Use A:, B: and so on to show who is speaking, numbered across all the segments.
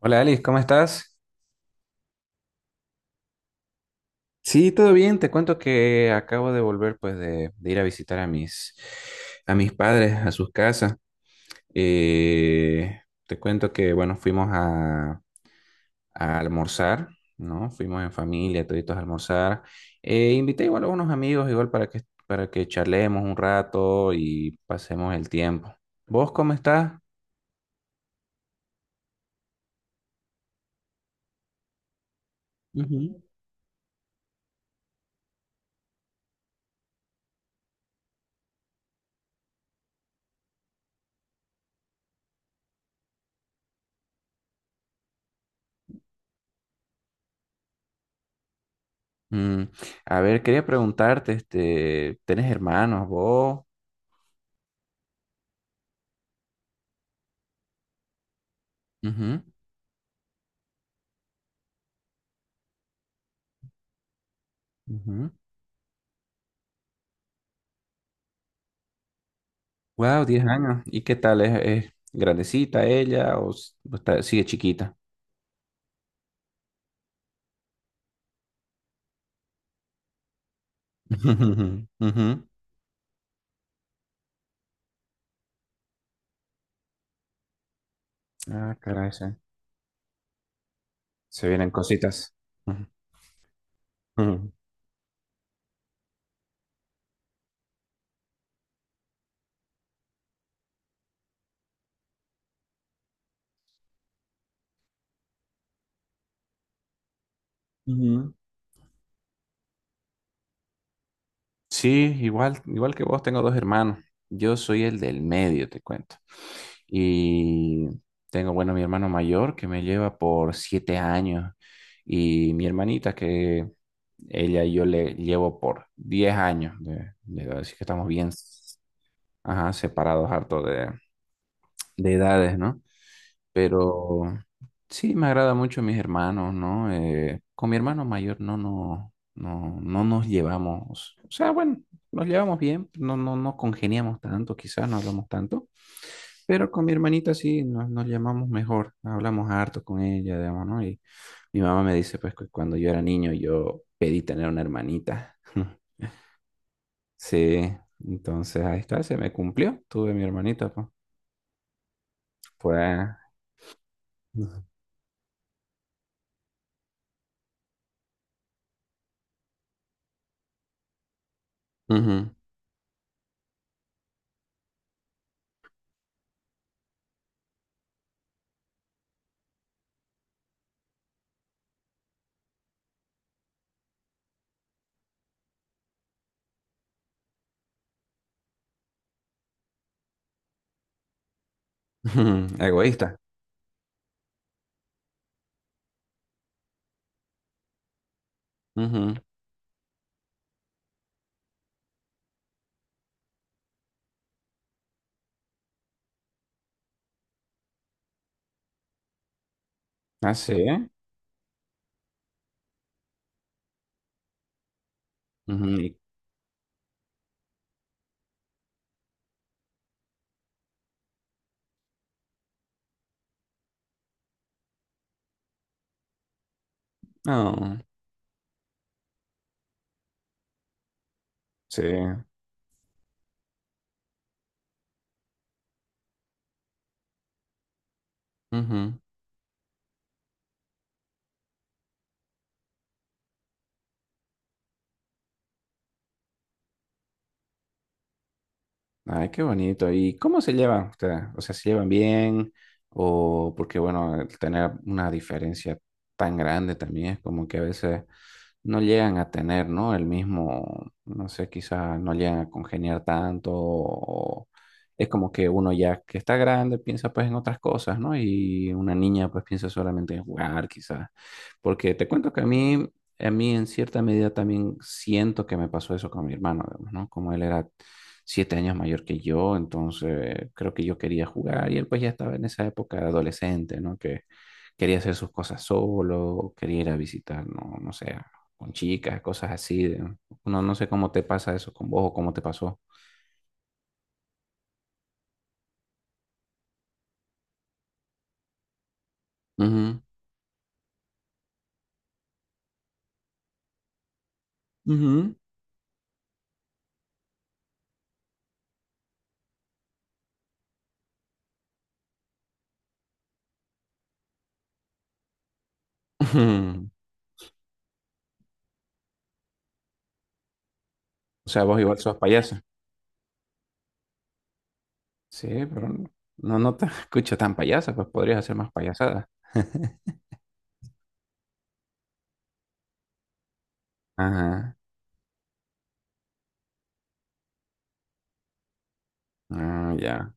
A: Hola Alice, ¿cómo estás? Sí, todo bien. Te cuento que acabo de volver pues de ir a visitar a a mis padres, a sus casas. Eh, te cuento que bueno, a almorzar, ¿no? Fuimos en familia, toditos a almorzar. Invité igual a unos amigos igual para que charlemos un rato y pasemos el tiempo. ¿Vos cómo estás? Ujú. Mm, a ver, quería preguntarte, ¿tenés hermanos vos? Ujú, ujú. Wow, 10 años. ¿Y qué tal? Es grandecita ella o sigue chiquita? Ujú. Ujú. Ah, caray, sí. Se vienen cositas. Ujú. Ujú. Ujú. Sí, igual, igual que vos, tengo dos hermanos. Yo soy el del medio, te cuento. Y tengo, bueno, mi hermano mayor que me lleva por 7 años y mi hermanita que ella y yo le llevo por 10 años de edad, así que estamos bien. Ajá, separados harto de edades, ¿no? Pero sí, me agrada mucho mis hermanos, ¿no? Con mi hermano mayor no nos llevamos, o sea, bueno, nos llevamos bien, no congeniamos tanto, quizás no hablamos tanto, pero con mi hermanita sí nos llamamos mejor, hablamos harto con ella, digamos, ¿no? Y mi mamá me dice, pues, que cuando yo era niño yo pedí tener una hermanita. Sí, entonces ahí está, se me cumplió, tuve mi hermanita, pues. Fue Ujú. Ujú. Egoísta. Ujú. Ah, sí. Ujú. No. Sí. Ujú. Ay, qué bonito. ¿Y cómo se llevan ustedes? O sea, ¿se llevan bien? O porque, bueno, el tener una diferencia tan grande también es como que a veces no llegan a tener, ¿no? El mismo, no sé, quizás no llegan a congeniar tanto. O es como que uno ya que está grande piensa pues en otras cosas, ¿no? Y una niña pues piensa solamente en jugar, quizás. Porque te cuento que a mí en cierta medida también siento que me pasó eso con mi hermano, digamos, ¿no? Como él era 7 años mayor que yo, entonces creo que yo quería jugar y él pues ya estaba en esa época de adolescente, ¿no? Que quería hacer sus cosas solo, quería ir a visitar, no sé, con chicas, cosas así. Uno no sé cómo te pasa eso con vos o cómo te pasó. Ujú, ujú, ujú. O sea, vos igual sos payasa. Sí, pero no, no te escucho tan payasa, pues podrías hacer más payasada. Ajá. Ah, ya.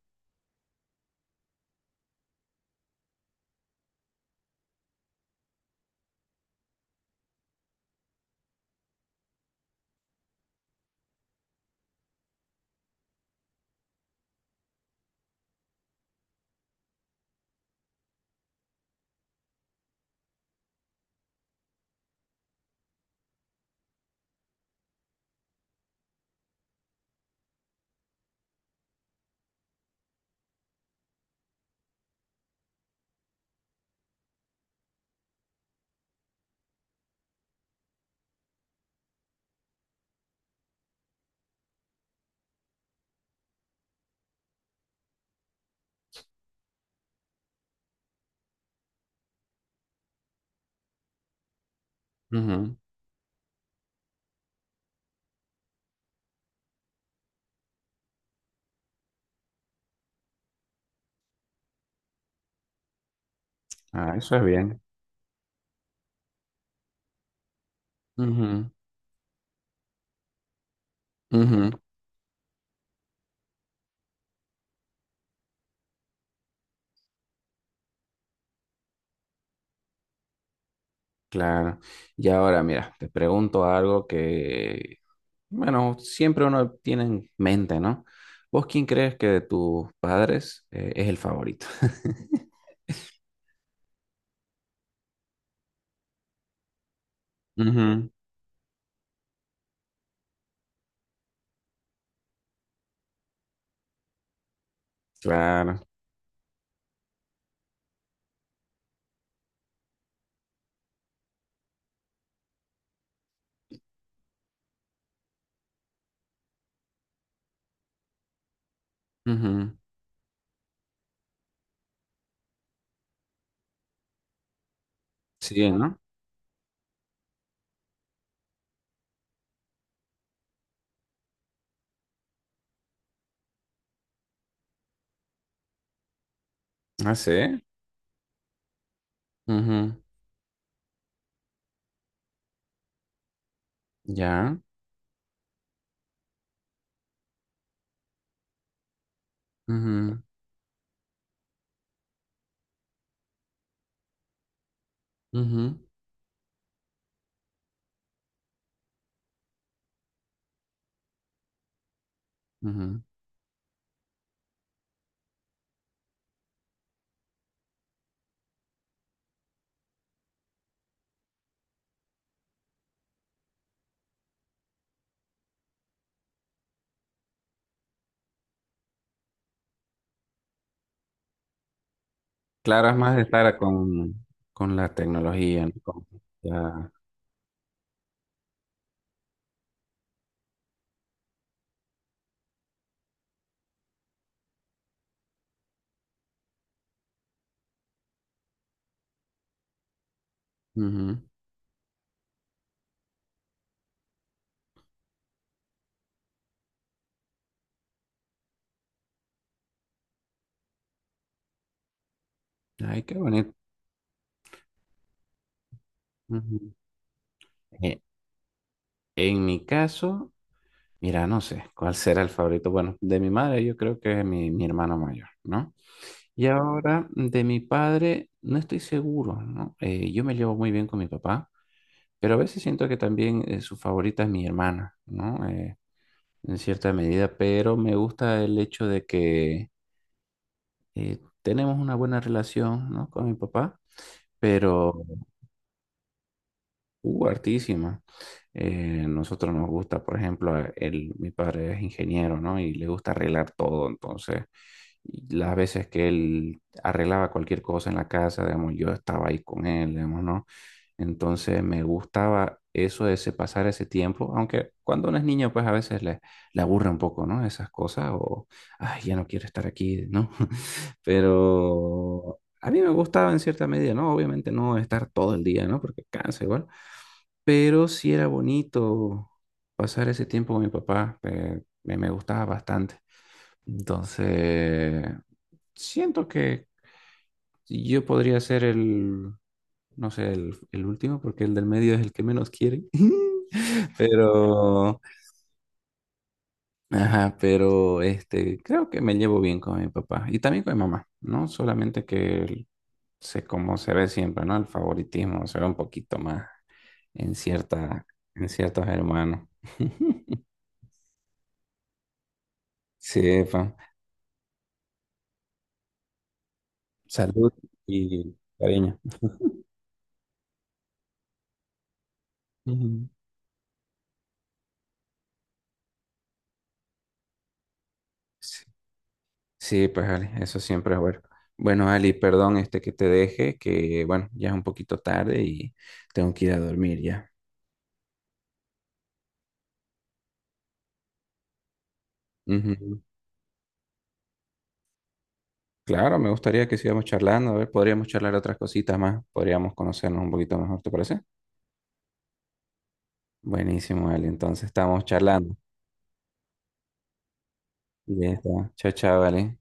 A: Ujú. Ah, eso es bien. Ujú, ujú. Claro. Y ahora, mira, te pregunto algo que, bueno, siempre uno tiene en mente, ¿no? ¿Vos quién crees que de tus padres es el favorito? Ujú. Claro. Ujú. Sí, ¿no? Ah, sí. Ujú. Ya. Ujú, ujú, ujú. Claro, es más de con la tecnología, ¿no? Con- ya. Ujú. Ay, qué bonito. Ujú. Eh, En mi caso, mira, no sé cuál será el favorito. Bueno, de mi madre yo creo que es mi hermano mayor, ¿no? Y ahora de mi padre no estoy seguro, ¿no? Yo me llevo muy bien con mi papá, pero a veces siento que también su favorita es mi hermana, ¿no? En cierta medida, pero me gusta el hecho de que eh, tenemos una buena relación, ¿no? Con mi papá, pero uh, hartísima. Nosotros nos gusta, por ejemplo, el, mi padre es ingeniero, ¿no? Y le gusta arreglar todo, entonces, y las veces que él arreglaba cualquier cosa en la casa, digamos, yo estaba ahí con él, digamos, ¿no? Entonces, me gustaba eso de pasar ese tiempo, aunque cuando uno es niño, pues a veces le aburre un poco, ¿no? Esas cosas, o, ay, ya no quiero estar aquí, ¿no? Pero a mí me gustaba en cierta medida, ¿no? Obviamente no estar todo el día, ¿no? Porque cansa igual, pero sí era bonito pasar ese tiempo con mi papá, me gustaba bastante. Entonces, siento que yo podría ser no sé, el último, porque el del medio es el que menos quiere. Pero, ajá, pero este, creo que me llevo bien con mi papá y también con mi mamá, ¿no? Solamente que sé cómo se ve siempre, ¿no? El favoritismo se ve un poquito más en cierta, en ciertos hermanos. Sí, pa. Salud y cariño. Ujú. Sí, sí, pues Ali, eso siempre es bueno. Bueno, Ali, perdón este que te deje, que bueno, ya es un poquito tarde y tengo que ir a dormir ya. Ujú. Claro, me gustaría que sigamos charlando, a ver, podríamos charlar otras cositas más, podríamos conocernos un poquito mejor, ¿te parece? Buenísimo, Ali, entonces estamos charlando. Ya está. Chao, chao, Ali.